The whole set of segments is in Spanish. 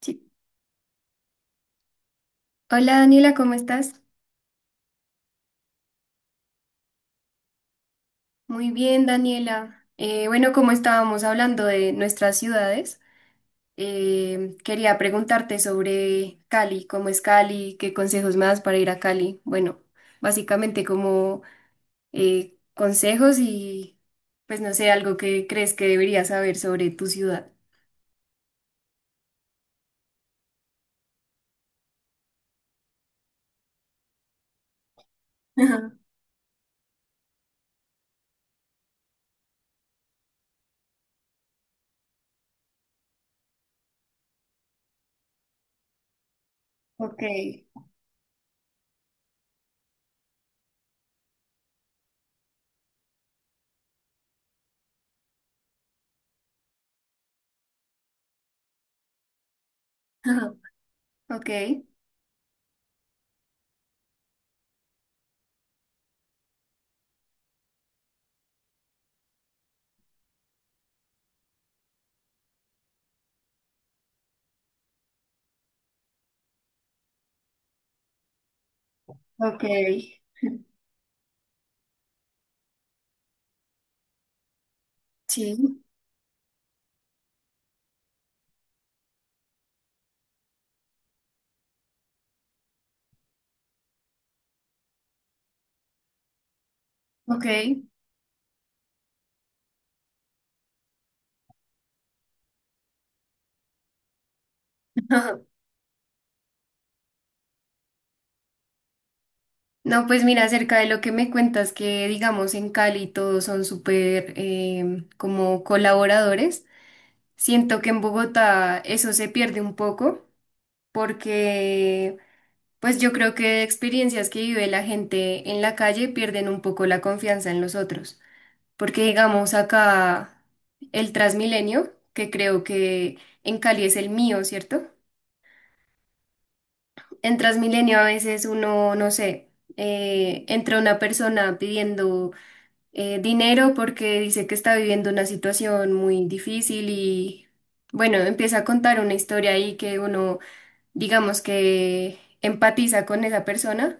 Sí. Hola Daniela, ¿cómo estás? Muy bien, Daniela. Bueno, como estábamos hablando de nuestras ciudades, quería preguntarte sobre Cali, cómo es Cali, qué consejos me das para ir a Cali. Bueno, básicamente como consejos y pues no sé, algo que crees que deberías saber sobre tu ciudad. Ajá, ok, ajá, ok, ok, sí, ok. No, pues mira, acerca de lo que me cuentas, que digamos en Cali todos son súper como colaboradores, siento que en Bogotá eso se pierde un poco porque pues yo creo que experiencias que vive la gente en la calle pierden un poco la confianza en los otros, porque digamos acá el Transmilenio, que creo que en Cali es el mío, ¿cierto? En Transmilenio a veces uno, no sé, entra una persona pidiendo dinero porque dice que está viviendo una situación muy difícil y bueno, empieza a contar una historia ahí que uno, digamos que empatiza con esa persona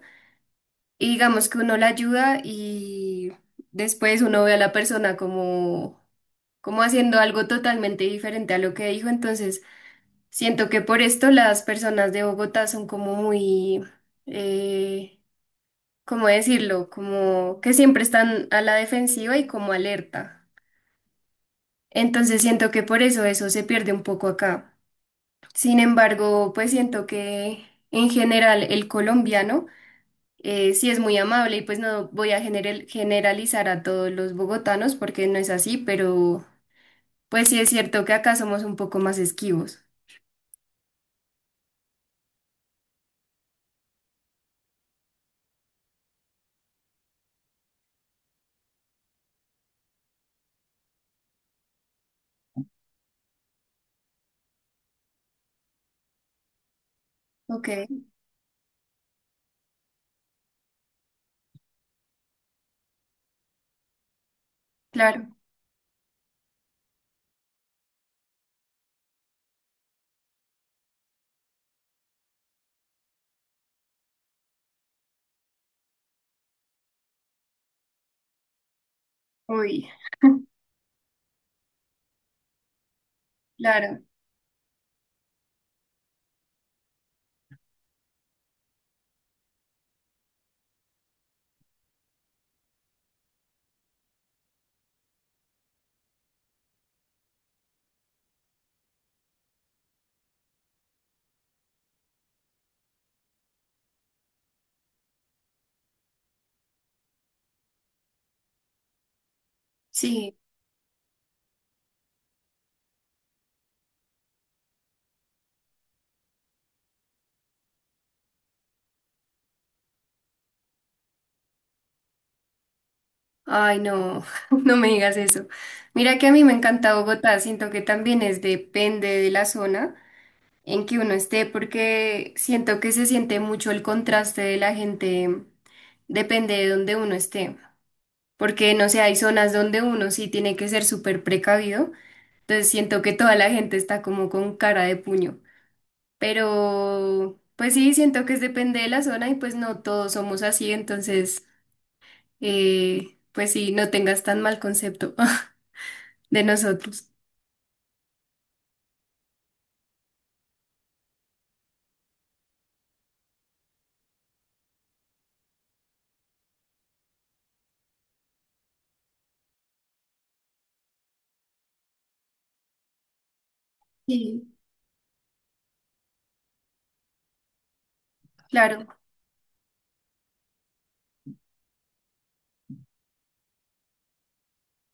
y digamos que uno la ayuda y después uno ve a la persona como, como haciendo algo totalmente diferente a lo que dijo, entonces siento que por esto las personas de Bogotá son como muy... eh, ¿cómo decirlo? Como que siempre están a la defensiva y como alerta. Entonces siento que por eso se pierde un poco acá. Sin embargo, pues siento que en general el colombiano sí es muy amable y pues no voy a generalizar a todos los bogotanos porque no es así, pero pues sí es cierto que acá somos un poco más esquivos. Ok, claro. Uy, claro, sí. Ay, no, no me digas eso. Mira que a mí me encanta Bogotá, siento que también es depende de la zona en que uno esté, porque siento que se siente mucho el contraste de la gente, depende de donde uno esté, porque no sé, hay zonas donde uno sí tiene que ser súper precavido, entonces siento que toda la gente está como con cara de puño, pero pues sí, siento que es depende de la zona y pues no todos somos así, entonces pues sí, no tengas tan mal concepto de nosotros. Sí. Claro,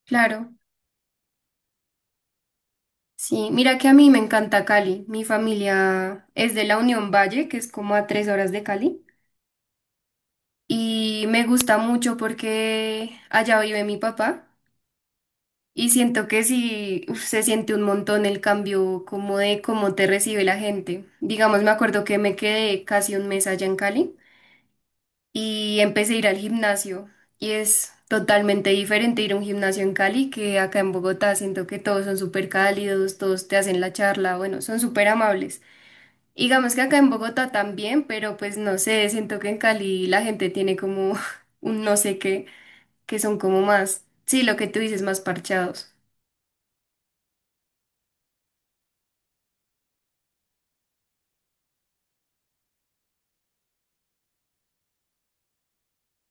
claro. Sí, mira que a mí me encanta Cali. Mi familia es de la Unión Valle, que es como a 3 horas de Cali. Y me gusta mucho porque allá vive mi papá. Y siento que sí, uf, se siente un montón el cambio como de cómo te recibe la gente. Digamos, me acuerdo que me quedé casi un mes allá en Cali y empecé a ir al gimnasio. Y es totalmente diferente ir a un gimnasio en Cali que acá en Bogotá. Siento que todos son súper cálidos, todos te hacen la charla, bueno, son súper amables. Y digamos que acá en Bogotá también, pero pues no sé, siento que en Cali la gente tiene como un no sé qué, que son como más, sí, lo que tú dices, más parchados.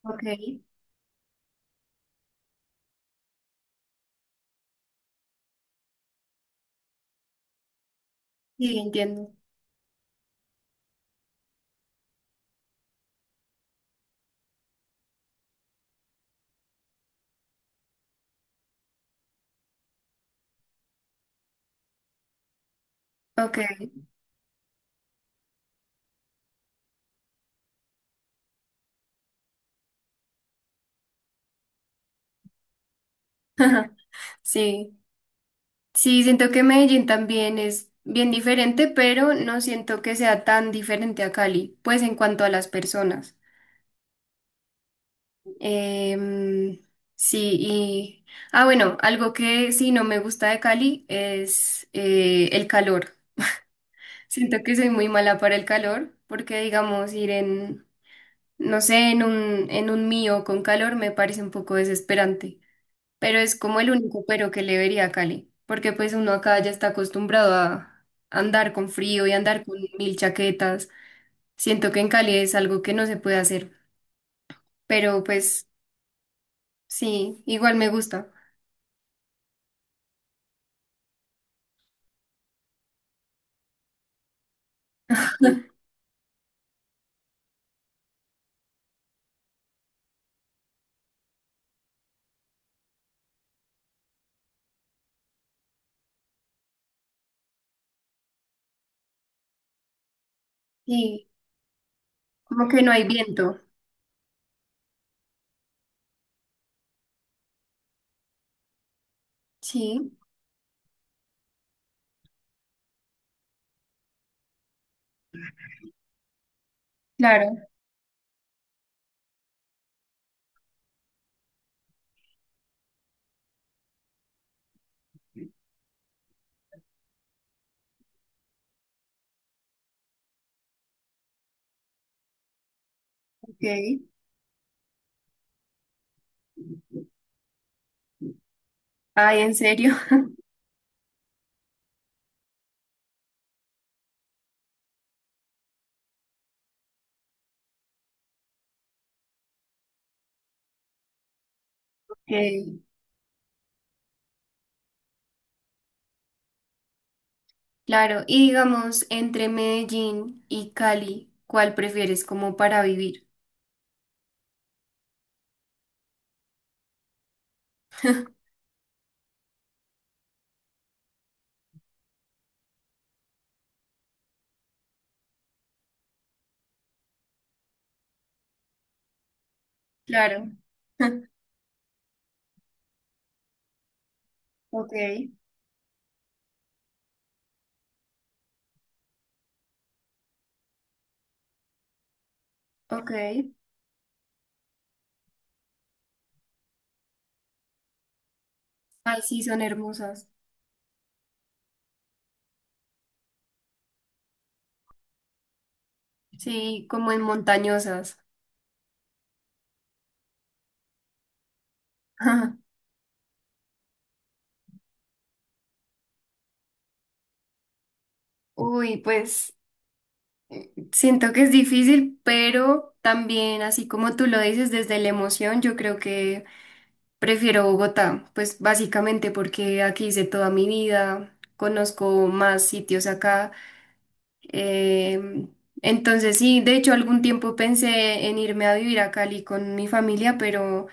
Ok, sí, entiendo. Ok, sí. Sí, siento que Medellín también es bien diferente, pero no siento que sea tan diferente a Cali, pues en cuanto a las personas. Em, sí, y... Ah, bueno, algo que sí no me gusta de Cali es el calor. Siento que soy muy mala para el calor, porque digamos ir en, no sé, en un mío con calor me parece un poco desesperante, pero es como el único pero que le vería a Cali, porque pues uno acá ya está acostumbrado a andar con frío y andar con mil chaquetas. Siento que en Cali es algo que no se puede hacer, pero pues sí, igual me gusta. Sí, como que no hay viento. Sí, claro, ok. Ay, ¿en serio? Ok. Claro, y digamos, entre Medellín y Cali, ¿cuál prefieres como para vivir? Claro. Ok, ok. Ay, sí, son hermosas. Sí, como en montañosas. Uy, pues siento que es difícil, pero también, así como tú lo dices, desde la emoción, yo creo que prefiero Bogotá, pues básicamente porque aquí hice toda mi vida, conozco más sitios acá. Em, entonces sí, de hecho algún tiempo pensé en irme a vivir a Cali con mi familia, pero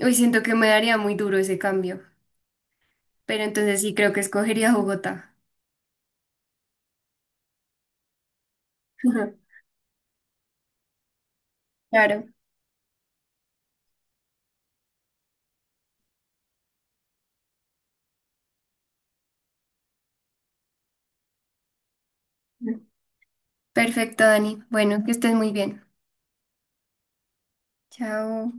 hoy siento que me daría muy duro ese cambio. Pero entonces sí creo que escogería Bogotá. Claro. Perfecto, Dani. Bueno, que estés muy bien. Chao.